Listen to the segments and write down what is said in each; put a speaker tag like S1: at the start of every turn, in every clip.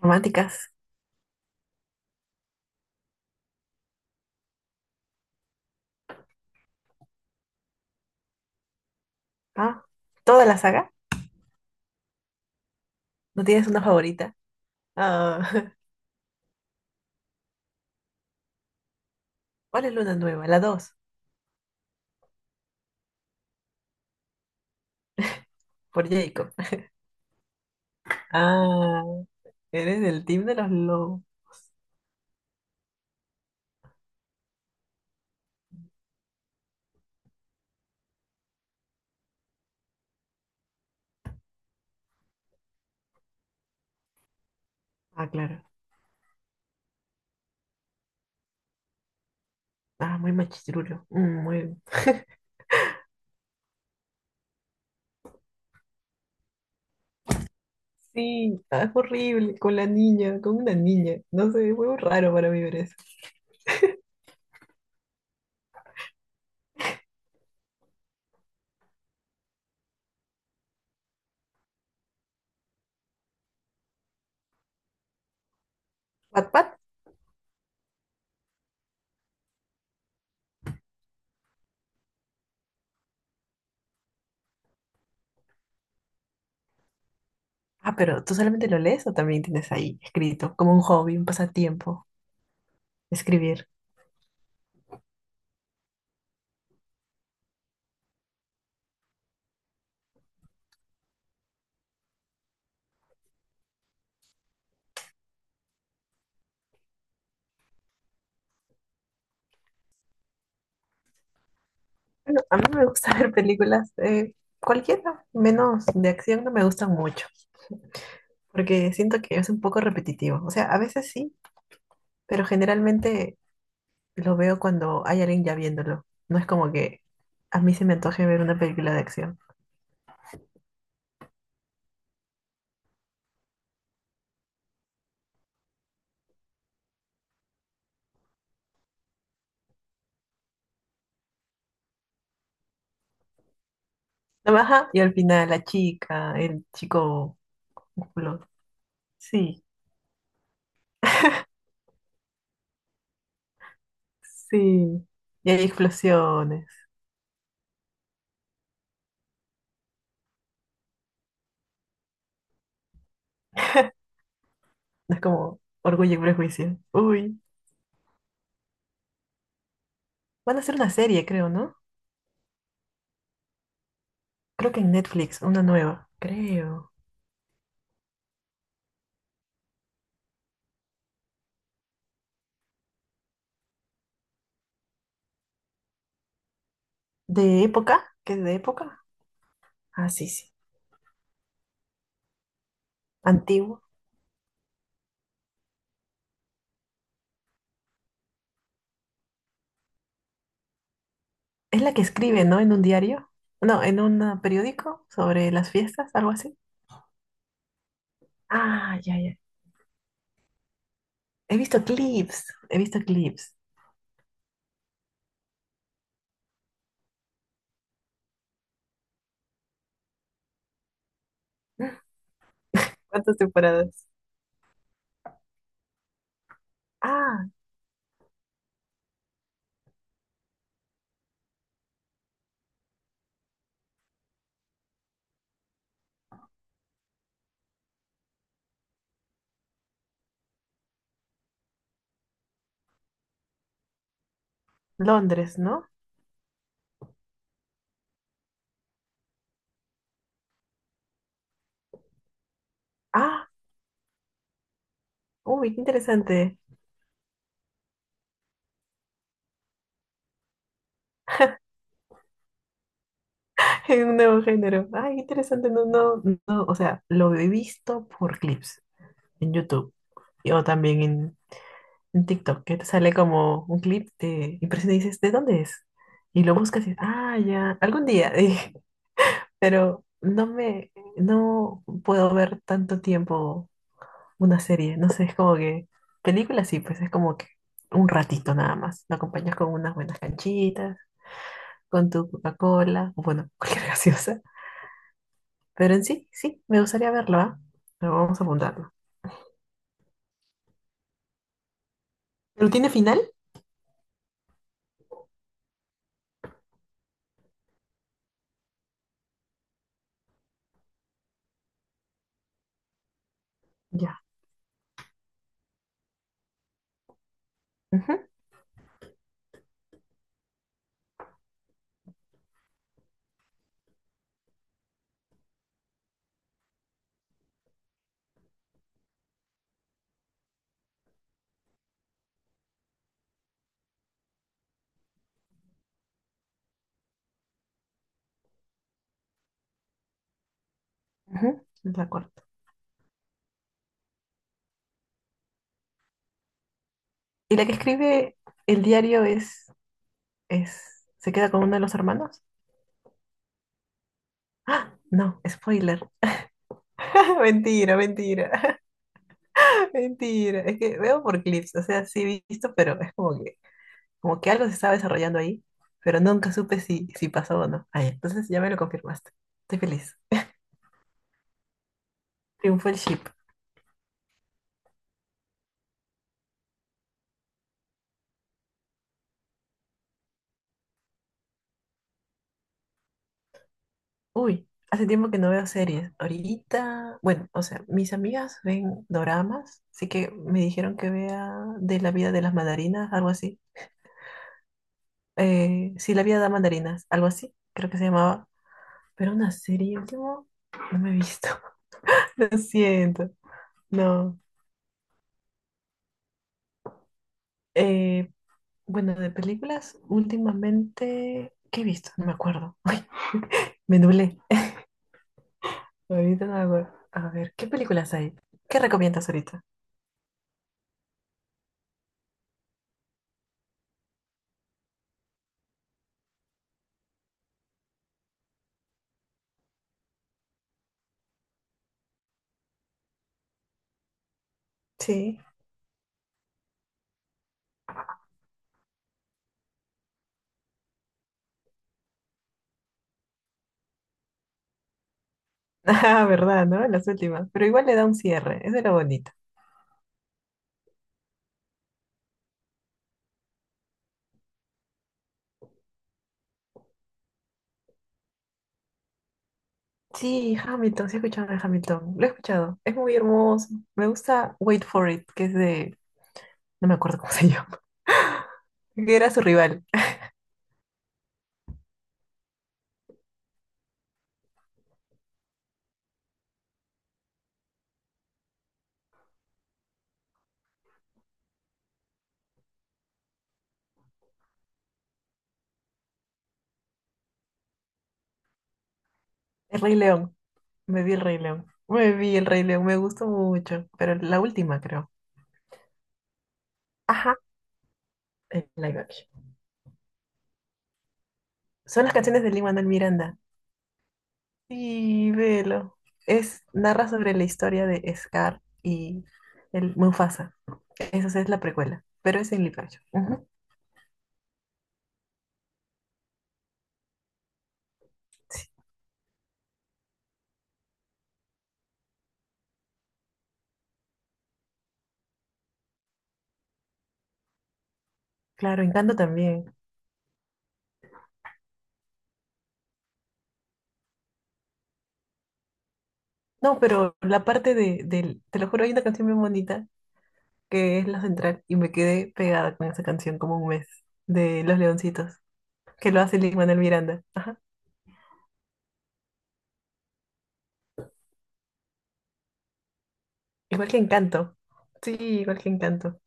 S1: Románticas. Ah, toda la saga. ¿No tienes una favorita? Ah, ¿cuál es Luna Nueva? La 2, por Jacob. Ah, eres del team de los lobos. Ah, claro. Ah, muy machirulo. Muy... Sí, ah, es horrible. Con la niña, con una niña. No sé, es muy raro para mí ver eso. ¿Wattpad? Ah, pero ¿tú solamente lo lees o también tienes ahí escrito? Como un hobby, un pasatiempo, escribir. Bueno, a mí me gusta ver películas, cualquiera, menos de acción, no me gustan mucho. Porque siento que es un poco repetitivo. O sea, a veces sí, pero generalmente lo veo cuando hay alguien ya viéndolo. No es como que a mí se me antoje ver una película de acción. La baja y al final la chica, el chico musculoso. Sí, sí. Y hay explosiones. No es como Orgullo y Prejuicio. Uy. Van a hacer una serie, creo, ¿no? Creo que en Netflix, una nueva. Creo. ¿De época? ¿Qué es de época? Ah, sí, sí. Antigua. Es la que escribe, ¿no? En un diario. No, en un periódico sobre las fiestas, algo así. Ah, ya, ya. He visto clips. He visto clips. ¿Cuántas temporadas? Ah, Londres, ¿no? Ah, uy, qué interesante. En un nuevo género. Ay, qué interesante. No, no, no. O sea, lo he visto por clips en YouTube. Y- o también en TikTok, que te sale como un clip de impresión y dices, ¿de dónde es? Y lo buscas y, ah, ya, algún día. Pero no me, no puedo ver tanto tiempo una serie, no sé, es como que, películas sí, pues es como que un ratito nada más, lo acompañas con unas buenas canchitas, con tu Coca-Cola, o bueno, cualquier gaseosa, pero en sí, sí, me gustaría verlo, ¿ah? Pero vamos a apuntarlo. ¿Pero tiene final? Ya. Ujú, ujú, la cuarta. ¿Y la que escribe el diario es, se queda con uno de los hermanos? Ah, no, spoiler. Mentira, mentira. Mentira, es que veo por clips, o sea, sí he visto, pero es como que algo se estaba desarrollando ahí, pero nunca supe si pasó o no. Ay, entonces ya me lo confirmaste. Estoy feliz. Triunfó el ship. Uy, hace tiempo que no veo series. Ahorita, bueno, o sea, mis amigas ven doramas, así que me dijeron que vea de la vida de las mandarinas, algo así. Sí, la vida de las mandarinas, algo así, creo que se llamaba. Pero una serie último, no me he visto. Lo siento. No. Eh, bueno, de películas, últimamente, ¿qué he visto? No me acuerdo. Ay, me nublé. Ahorita no me acuerdo. A ver, ¿qué películas hay? ¿Qué recomiendas ahorita? Sí. Ah, verdad, ¿no? Las últimas. Pero igual le da un cierre. Eso es lo bonito. Sí, Hamilton, sí he escuchado de Hamilton. Lo he escuchado. Es muy hermoso. Me gusta Wait for It, que es de... No me acuerdo cómo se llama. Que era su rival. El Rey León. Me vi el Rey León. Me vi el Rey León. Me gustó mucho. Pero la última, creo. Ajá. El live action. Son las canciones de Lin-Manuel Miranda. Y velo. Es, narra sobre la historia de Scar y el Mufasa. Esa es la precuela, pero es en live action. Ujú. Sí, claro, Encanto también. No, pero la parte de, del, te lo juro, hay una canción muy bonita que es la central y me quedé pegada con esa canción como un mes de Los Leoncitos, que lo hace Lin-Manuel Miranda. Ajá. Igual que Encanto. Sí, igual que Encanto.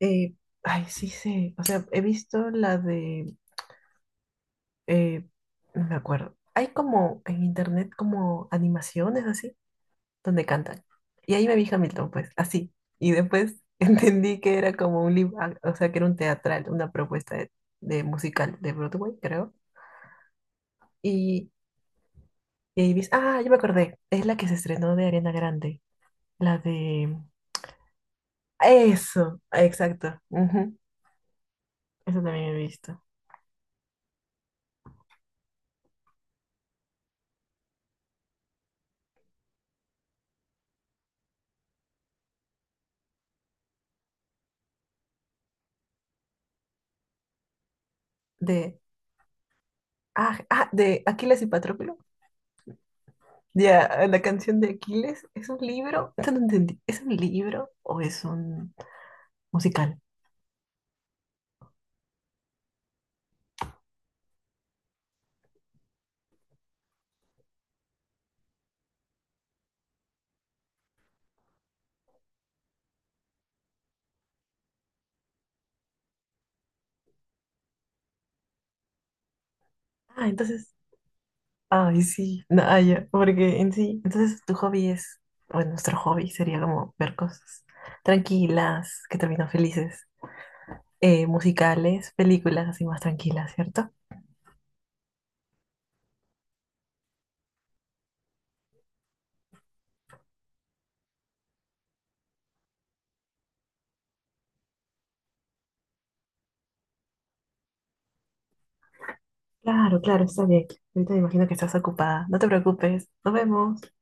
S1: Eh, ay, sí sé. O sea, he visto la de... Eh, no me acuerdo. Hay como en internet como animaciones así, donde cantan. Y ahí me vi Hamilton, pues, así. Y después entendí que era como un live, ac- o sea, que era un teatral, una propuesta de musical de Broadway, creo. Y, y ahí vi, ah, yo me acordé, es la que se estrenó de Arena Grande, la de... Eso, exacto. Ujú, eso también he visto. De, ah, ah, de Aquiles y Patroclo. Ya, la canción de Aquiles, ¿es un libro? Eso no entendí. ¿Es un libro o es un musical? Ah, entonces, ay, sí, no, ah, ya, porque en sí, entonces tu hobby es, bueno, nuestro hobby sería como ver cosas tranquilas, que terminan felices, musicales, películas así más tranquilas, ¿cierto? Claro, claro, está bien. Ahorita me imagino que estás ocupada. No te preocupes, nos vemos.